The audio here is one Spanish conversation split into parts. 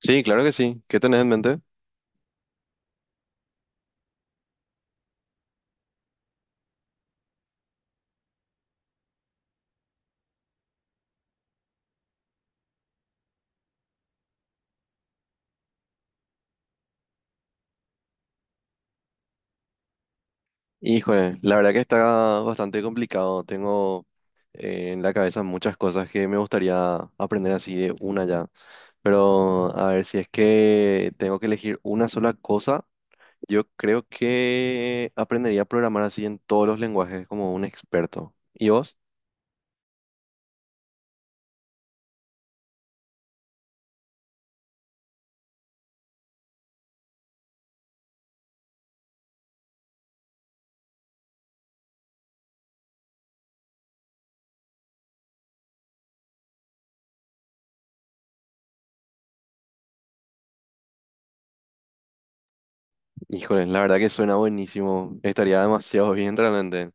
Sí, claro que sí. ¿Qué tenés en mente? Híjole, la verdad que está bastante complicado. Tengo en la cabeza muchas cosas que me gustaría aprender así de una ya. Pero a ver, si es que tengo que elegir una sola cosa, yo creo que aprendería a programar así en todos los lenguajes como un experto. ¿Y vos? Híjole, la verdad que suena buenísimo. Estaría demasiado bien realmente.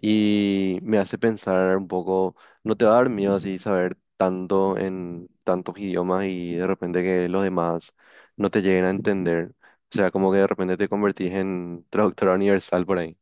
Y me hace pensar un poco. ¿No te va a dar miedo así saber tanto en tantos idiomas y de repente que los demás no te lleguen a entender? O sea, como que de repente te convertís en traductora universal por ahí.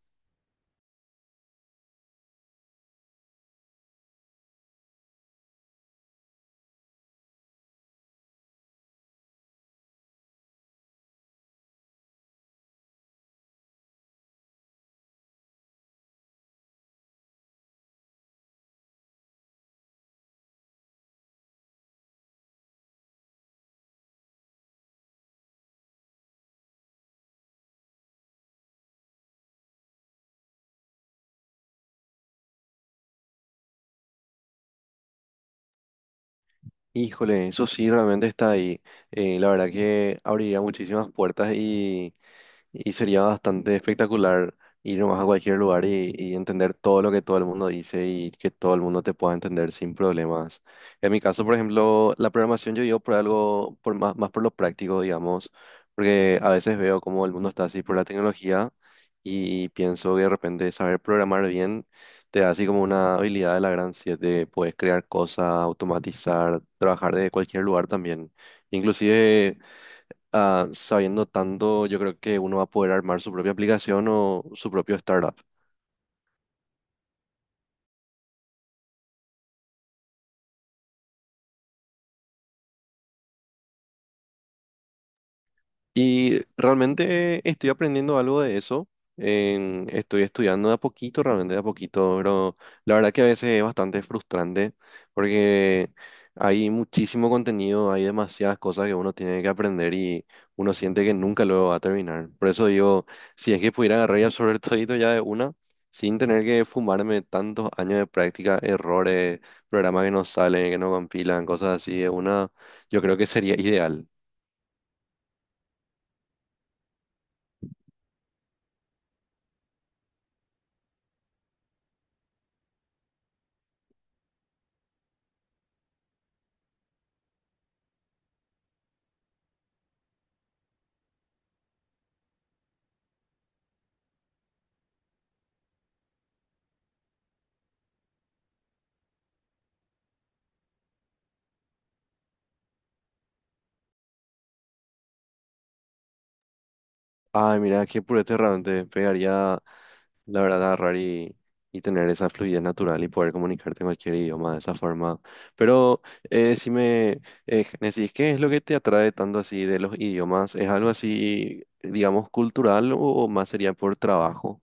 Híjole, eso sí realmente está ahí. La verdad que abriría muchísimas puertas y y sería bastante espectacular ir nomás a cualquier lugar y entender todo lo que todo el mundo dice y que todo el mundo te pueda entender sin problemas. En mi caso, por ejemplo, la programación yo digo por algo, por más por lo práctico, digamos, porque a veces veo cómo el mundo está así por la tecnología y pienso que de repente saber programar bien te da así como una habilidad de la gran siete, puedes crear cosas, automatizar, trabajar desde cualquier lugar también. Inclusive sabiendo tanto, yo creo que uno va a poder armar su propia aplicación o su propio startup. Y realmente estoy aprendiendo algo de eso. Estoy estudiando de a poquito, realmente de a poquito, pero la verdad que a veces es bastante frustrante porque hay muchísimo contenido, hay demasiadas cosas que uno tiene que aprender y uno siente que nunca lo va a terminar. Por eso digo, si es que pudiera agarrar y absorber todito ya de una, sin tener que fumarme tantos años de práctica, errores, programas que no salen, que no compilan, cosas así de una, yo creo que sería ideal. Ay, mira, qué purete te pegaría, la verdad, agarrar y tener esa fluidez natural y poder comunicarte en cualquier idioma de esa forma. Pero si me decís, ¿qué es lo que te atrae tanto así de los idiomas? ¿Es algo así, digamos, cultural o más sería por trabajo?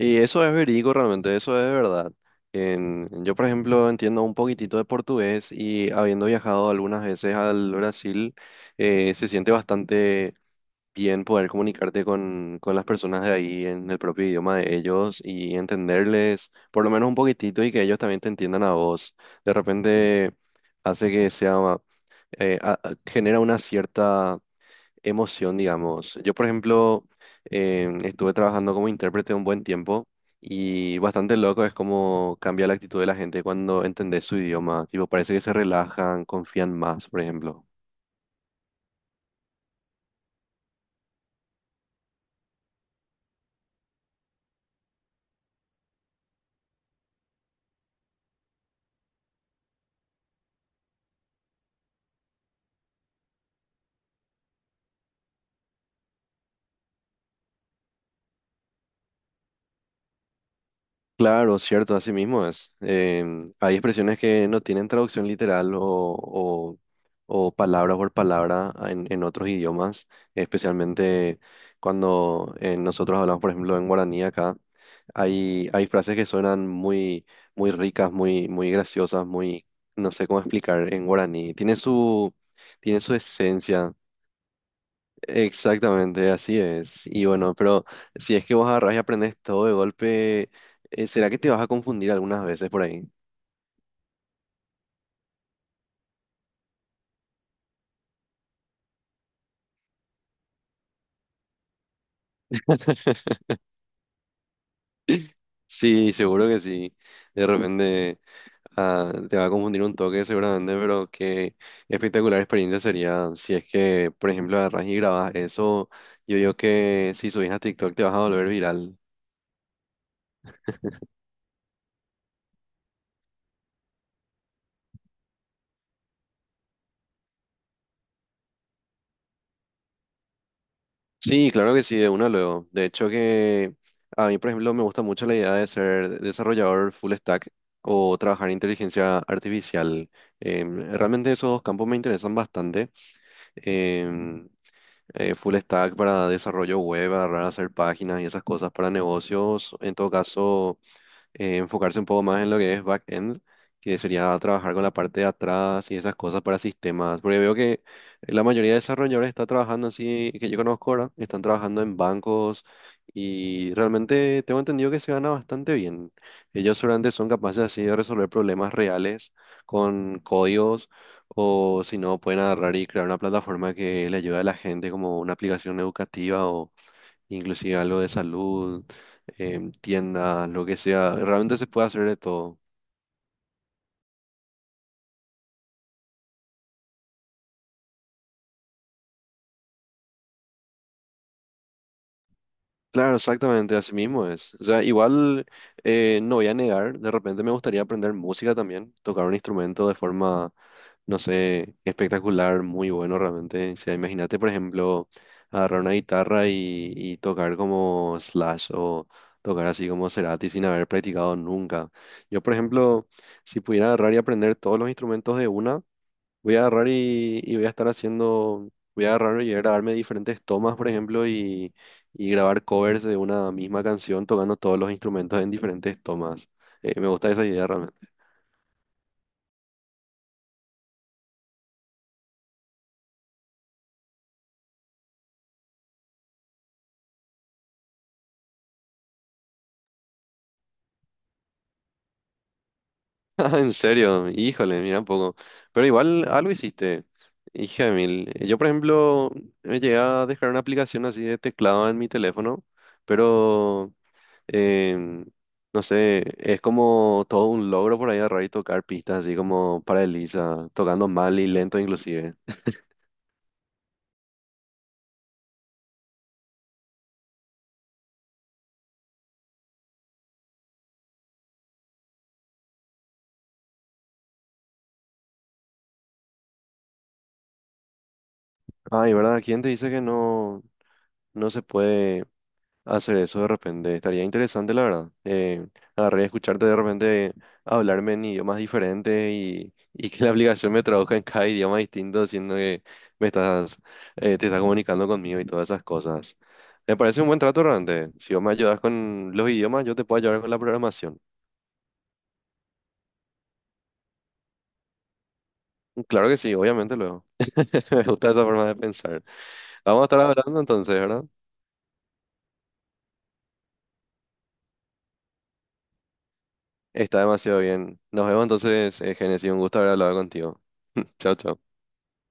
Y eso es verídico realmente, eso es de verdad. Yo, por ejemplo, entiendo un poquitito de portugués y habiendo viajado algunas veces al Brasil, se siente bastante bien poder comunicarte con las personas de ahí en el propio idioma de ellos y entenderles por lo menos un poquitito y que ellos también te entiendan a vos. De repente hace que sea, genera una cierta emoción, digamos. Yo, por ejemplo, estuve trabajando como intérprete un buen tiempo. Y bastante loco es como cambia la actitud de la gente cuando entendés su idioma. Tipo, parece que se relajan, confían más, por ejemplo. Claro, cierto, así mismo es. Em, hay expresiones que no tienen traducción literal o palabra por palabra en otros idiomas, especialmente cuando nosotros hablamos, por ejemplo, en guaraní acá, hay frases que suenan muy ricas, muy graciosas, muy, no sé cómo explicar en guaraní. Tiene su esencia. Exactamente, así es. Y bueno, pero si es que vos agarrás y aprendes todo de golpe, ¿será que te vas a confundir algunas veces por ahí? Sí, seguro que sí. De repente te va a confundir un toque seguramente, pero qué espectacular experiencia sería si es que, por ejemplo, agarras y grabas eso. Yo digo que si subís a TikTok te vas a volver viral. Sí, claro que sí, de una luego. De hecho que a mí, por ejemplo, me gusta mucho la idea de ser desarrollador full stack o trabajar en inteligencia artificial. Em, realmente esos dos campos me interesan bastante. Em, Full stack para desarrollo web, agarrar a hacer páginas y esas cosas para negocios. En todo caso enfocarse un poco más en lo que es back end, que sería trabajar con la parte de atrás y esas cosas para sistemas. Porque veo que la mayoría de desarrolladores está trabajando así, que yo conozco ahora, están trabajando en bancos y realmente tengo entendido que se gana bastante bien. Ellos seguramente son capaces así de resolver problemas reales con códigos, o si no pueden agarrar y crear una plataforma que le ayude a la gente como una aplicación educativa, inclusive algo de salud, tiendas, lo que sea, realmente se puede hacer de todo. Claro, exactamente, así mismo es. O sea, igual no voy a negar, de repente me gustaría aprender música también, tocar un instrumento de forma, no sé, espectacular, muy bueno realmente. O sea, imagínate, por ejemplo, agarrar una guitarra y tocar como Slash o tocar así como Cerati sin haber practicado nunca. Yo, por ejemplo, si pudiera agarrar y aprender todos los instrumentos de una, voy a agarrar y voy a agarrar y grabarme diferentes tomas, por ejemplo, y grabar covers de una misma canción tocando todos los instrumentos en diferentes tomas. Me gusta esa idea realmente. Ah, en serio, híjole, mira un poco. Pero igual algo hiciste, hija de mil. Yo, por ejemplo, me llegué a dejar una aplicación así de teclado en mi teléfono, pero em, no sé, es como todo un logro por ahí agarrar y tocar pistas así como para Elisa, tocando mal y lento inclusive. Ay, ¿verdad? ¿Quién te dice que no se puede hacer eso de repente? Estaría interesante, la verdad. Agarrar y escucharte de repente hablarme en idiomas diferentes y que la aplicación me traduzca en cada idioma distinto, siendo que me estás, te estás comunicando conmigo y todas esas cosas. Me parece un buen trato realmente. Si vos me ayudas con los idiomas, yo te puedo ayudar con la programación. Claro que sí, obviamente luego. Me gusta esa forma de pensar. Vamos a estar hablando entonces, ¿verdad? Está demasiado bien. Nos vemos entonces, Génesis. Un gusto haber hablado contigo. Chao, chao.